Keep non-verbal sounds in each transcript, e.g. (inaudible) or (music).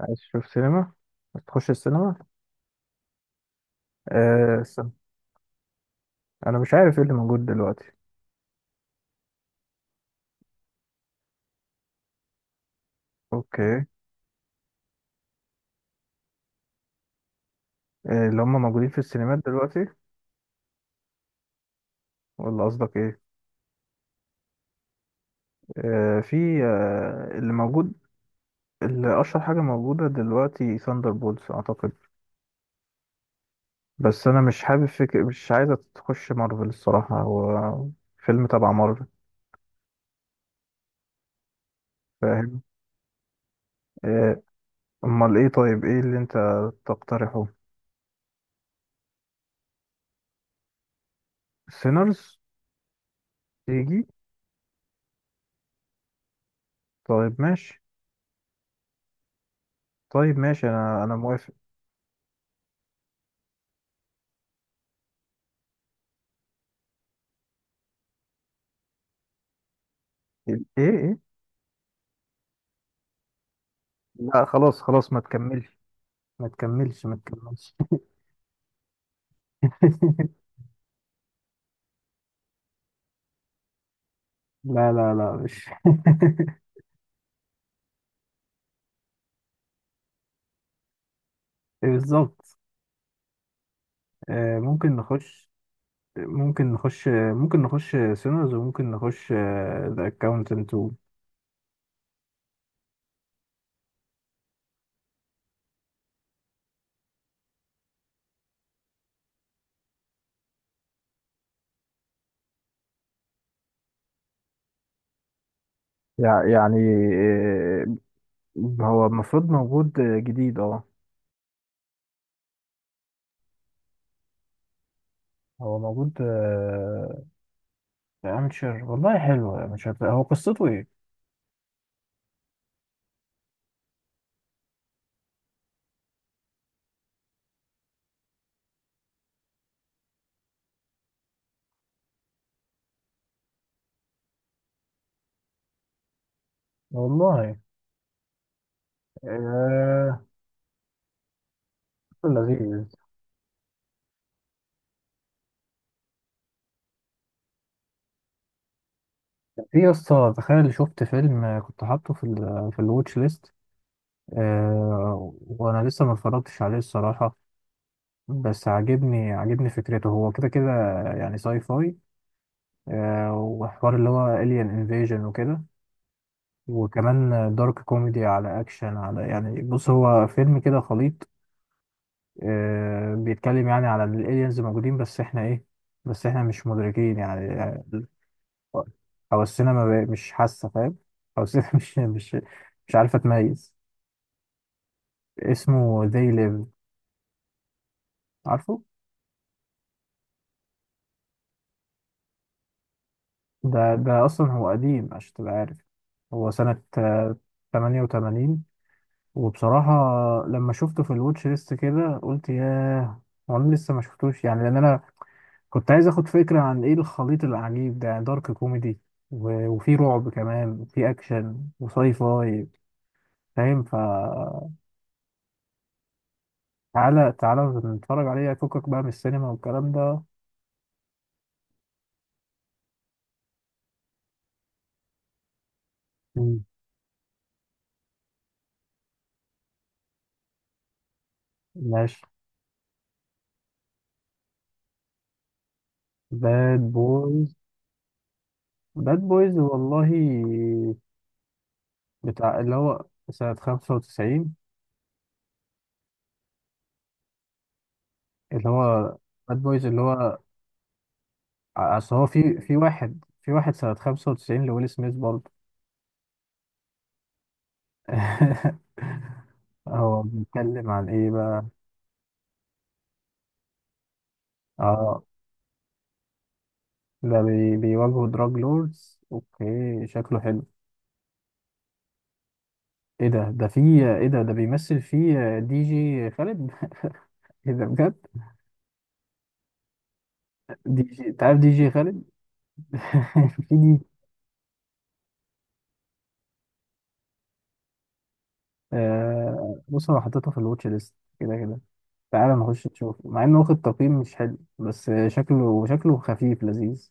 عايز تشوف سينما؟ عايز تخش السينما؟ آه، استنى. انا مش عارف ايه اللي موجود دلوقتي. اوكي. آه، اللي هم موجودين في السينمات دلوقتي ولا قصدك ايه؟ آه، في اللي موجود. اللي اشهر حاجه موجوده دلوقتي ثاندر بولز اعتقد، بس انا مش حابب فكر، مش عايزه تخش مارفل الصراحه، هو فيلم تبع مارفل، فاهم؟ آه. امال ايه؟ طيب ايه اللي انت تقترحه؟ سينرز؟ تيجي. طيب ماشي. طيب ماشي، انا موافق. ايه ايه؟ لا خلاص خلاص، ما تكملش ما تكملش ما تكملش. (laughs) لا لا لا مش. (laughs) بالظبط. آه، ممكن نخش ممكن نخش سينرز وممكن نخش ذا اكاونتنت. يعني آه، هو المفروض موجود جديد، اه. هو موجود في امشر، والله حلو امشر، هو قصته ايه؟ والله. آه، لذيذ. في يا اسطى، تخيل شفت فيلم كنت حاطه في ال في الواتش ليست، وانا لسه ما اتفرجتش عليه الصراحه، بس عاجبني عاجبني فكرته، هو كده كده يعني ساي فاي، وحوار اللي هو alien invasion وكده، وكمان دارك كوميدي على اكشن، على يعني بص هو فيلم كده خليط. بيتكلم يعني على ان الالينز موجودين بس احنا ايه، بس احنا مش مدركين يعني. حواسنا ما بقى- مش حاسه، فاهم؟ حواسنا (laughs) مش عارفه تميز. اسمه They Live، عارفه؟ ده أصلا هو قديم عشان تبقى عارف، هو سنة تمانية وتمانين. وبصراحة لما شفته في الواتش ليست كده قلت ياه، هو أنا لسه ما شفتوش يعني، لأن أنا كنت عايز أخد فكرة عن إيه الخليط العجيب ده، يعني دارك كوميدي وفي رعب كمان وفي أكشن وساي فاي، فاهم؟ فتعالى تعالى نتفرج عليه، فكك بقى من السينما والكلام ده. مم. ماشي. باد بويز. باد بويز، والله، بتاع اللي هو سنة 95. اللي هو باد بويز اللي هو اصل هو في في واحد، في واحد سنة 95 لويل سميث برضه. (laughs) هو بيتكلم عن ايه بقى؟ اه، ده بيواجهوا دراج لوردز. اوكي، شكله حلو. ايه ده؟ ده في ايه ده؟ ده بيمثل فيه دي جي خالد؟ (laughs) ايه ده بجد؟ دي جي، انت عارف دي جي خالد؟ (laughs) في دي. بص، انا حطيتها في الواتش ليست كده كده، تعالى نخش نشوف، مع انه واخد تقييم مش حلو، بس شكله شكله خفيف لذيذ.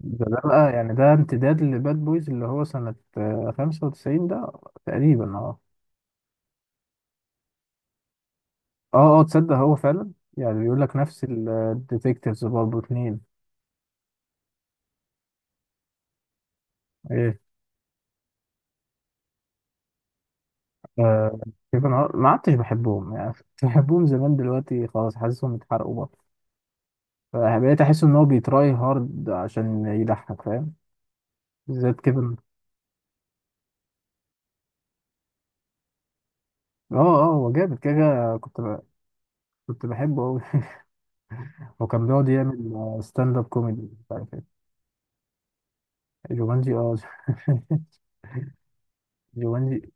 ده بقى يعني ده امتداد لباد بويز اللي هو سنة خمسة وتسعين ده، تقريبا اه. اه تصدق هو فعلا، يعني بيقول لك نفس الديتكتيفز برضه اتنين. ايه؟ آه، كيفن هارت ما عدتش بحبهم يعني. (laughs) كنت بحبهم زمان، دلوقتي خلاص حاسسهم اتحرقوا بقى، فبقيت احس ان هو بيتراي هارد عشان يضحك، فاهم؟ بالذات كيفن. اه اه، هو جامد كده كده. كنت بحبه قوي، هو كان بيقعد يعمل ستاند اب كوميدي مش عارف ايه. جومانجي، اه. (laughs) جومانجي،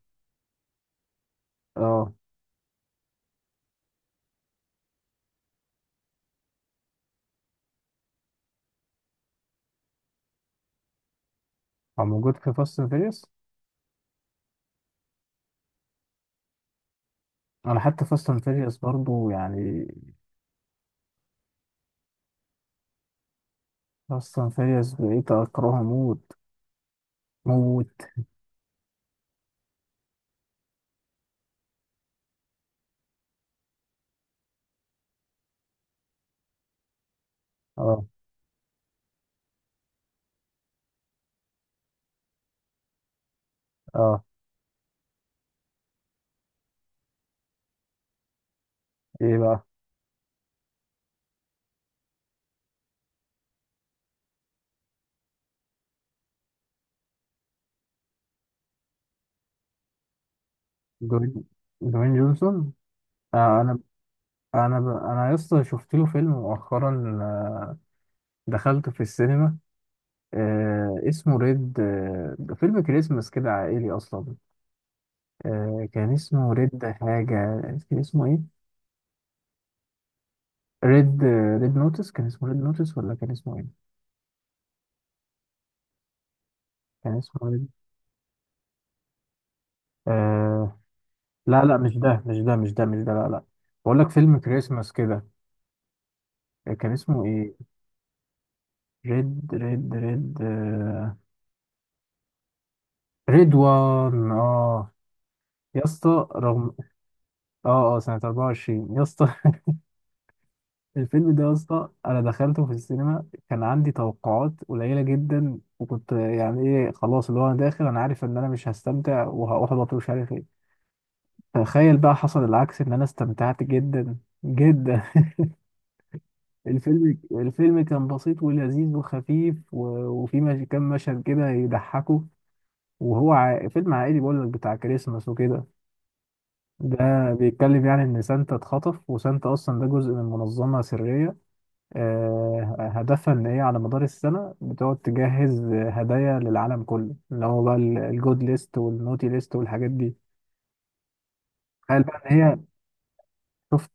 اه. هو موجود في فاست اند فيريوس. انا حتى فاست اند فيريوس برضه يعني، فاست اند فيريوس بقيت اكرهه موت موت. اه اه. ايه بقى؟ دوين دوين جونسون. آه، انا لسه شفت له فيلم مؤخرا، دخلته في السينما، اسمه ريد، فيلم كريسمس كده عائلي اصلا. كان اسمه ريد حاجة، كان اسمه إيه؟ ريد. ريد نوتس، كان اسمه ريد نوتس ولا كان اسمه ايه؟ كان اسمه ريد آه... لا لا مش ده مش ده مش ده مش ده، لا لا، بقول لك فيلم كريسماس كده. كان اسمه ايه؟ ريد ريد وان، اه. يا اسطى، رغم، اه اه، سنة 24 يا اسطى. (laughs) الفيلم ده يا اسطى انا دخلته في السينما، كان عندي توقعات قليلة جدا، وكنت يعني ايه خلاص، اللي هو انا داخل انا عارف ان انا مش هستمتع وهحبط ومش عارف ايه. تخيل بقى حصل العكس، ان انا استمتعت جدا جدا. (laughs) الفيلم كان بسيط ولذيذ وخفيف وفي مش... كام مشهد كده يضحكوا، وهو فيلم عائلي بقول لك بتاع كريسماس وكده، ده بيتكلم يعني ان سانتا اتخطف، وسانتا اصلا ده جزء من منظمة سرية، هدفها ان هي على مدار السنة بتقعد تجهز هدايا للعالم كله، اللي هو بقى الجود ليست والنوتي ليست والحاجات دي. تخيل بقى ان هي، شوف،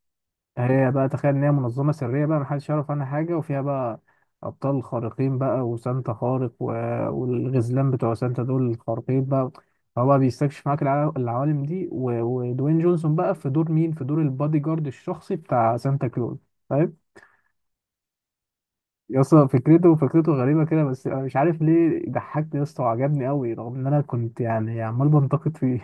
هي بقى، تخيل ان هي منظمه سريه بقى، محدش يعرف عنها حاجه، وفيها بقى ابطال خارقين بقى، وسانتا خارق والغزلان بتوع سانتا دول الخارقين بقى. هو بقى بيستكشف معاك العوالم دي ودوين جونسون بقى في دور مين، في دور البادي جارد الشخصي بتاع سانتا كلوز، فاهم؟ يا اسطى فكرته، فكرته غريبه كده، بس انا مش عارف ليه ضحكني يا اسطى وعجبني قوي، رغم ان انا كنت يعني عمال بنتقد فيه.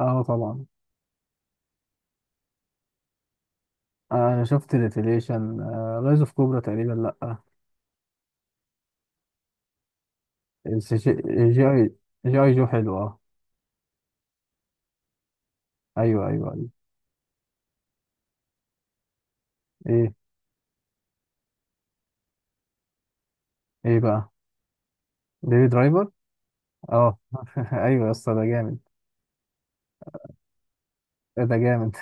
(laughs) اه، طبعا. آه، انا شفت ريفيليشن. رايز اوف كوبرا تقريبا لا. بس جي جي اي جو حلو، اه. ايوه ايوه ايوه. ايه؟ ايه بقى؟ بيبي درايفر. اه. (laughs) ايوه يا اسطى، ده جامد. ده جامد.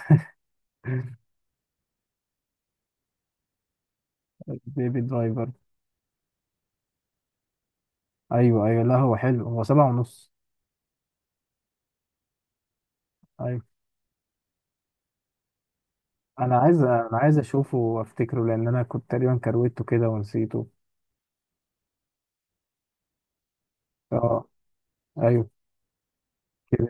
(laughs) بيبي درايفر. ايوه ايوه، لا هو حلو، هو سبعة ونص. ايوه. انا عايز اشوفه وافتكره، لان انا كنت تقريبا كرويته كده ونسيته. اه. ايوه. كده.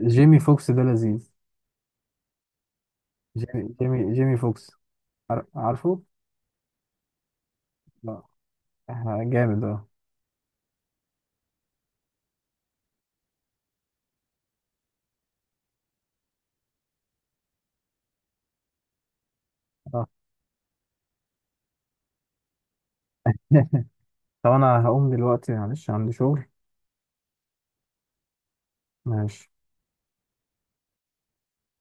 وجيمي فوكس ده لذيذ. جيمي فوكس، عار- عارفه؟ لا. آه، جامد، اه. آه. (laughs) طب انا هقوم دلوقتي، معلش عندي شغل. ماشي.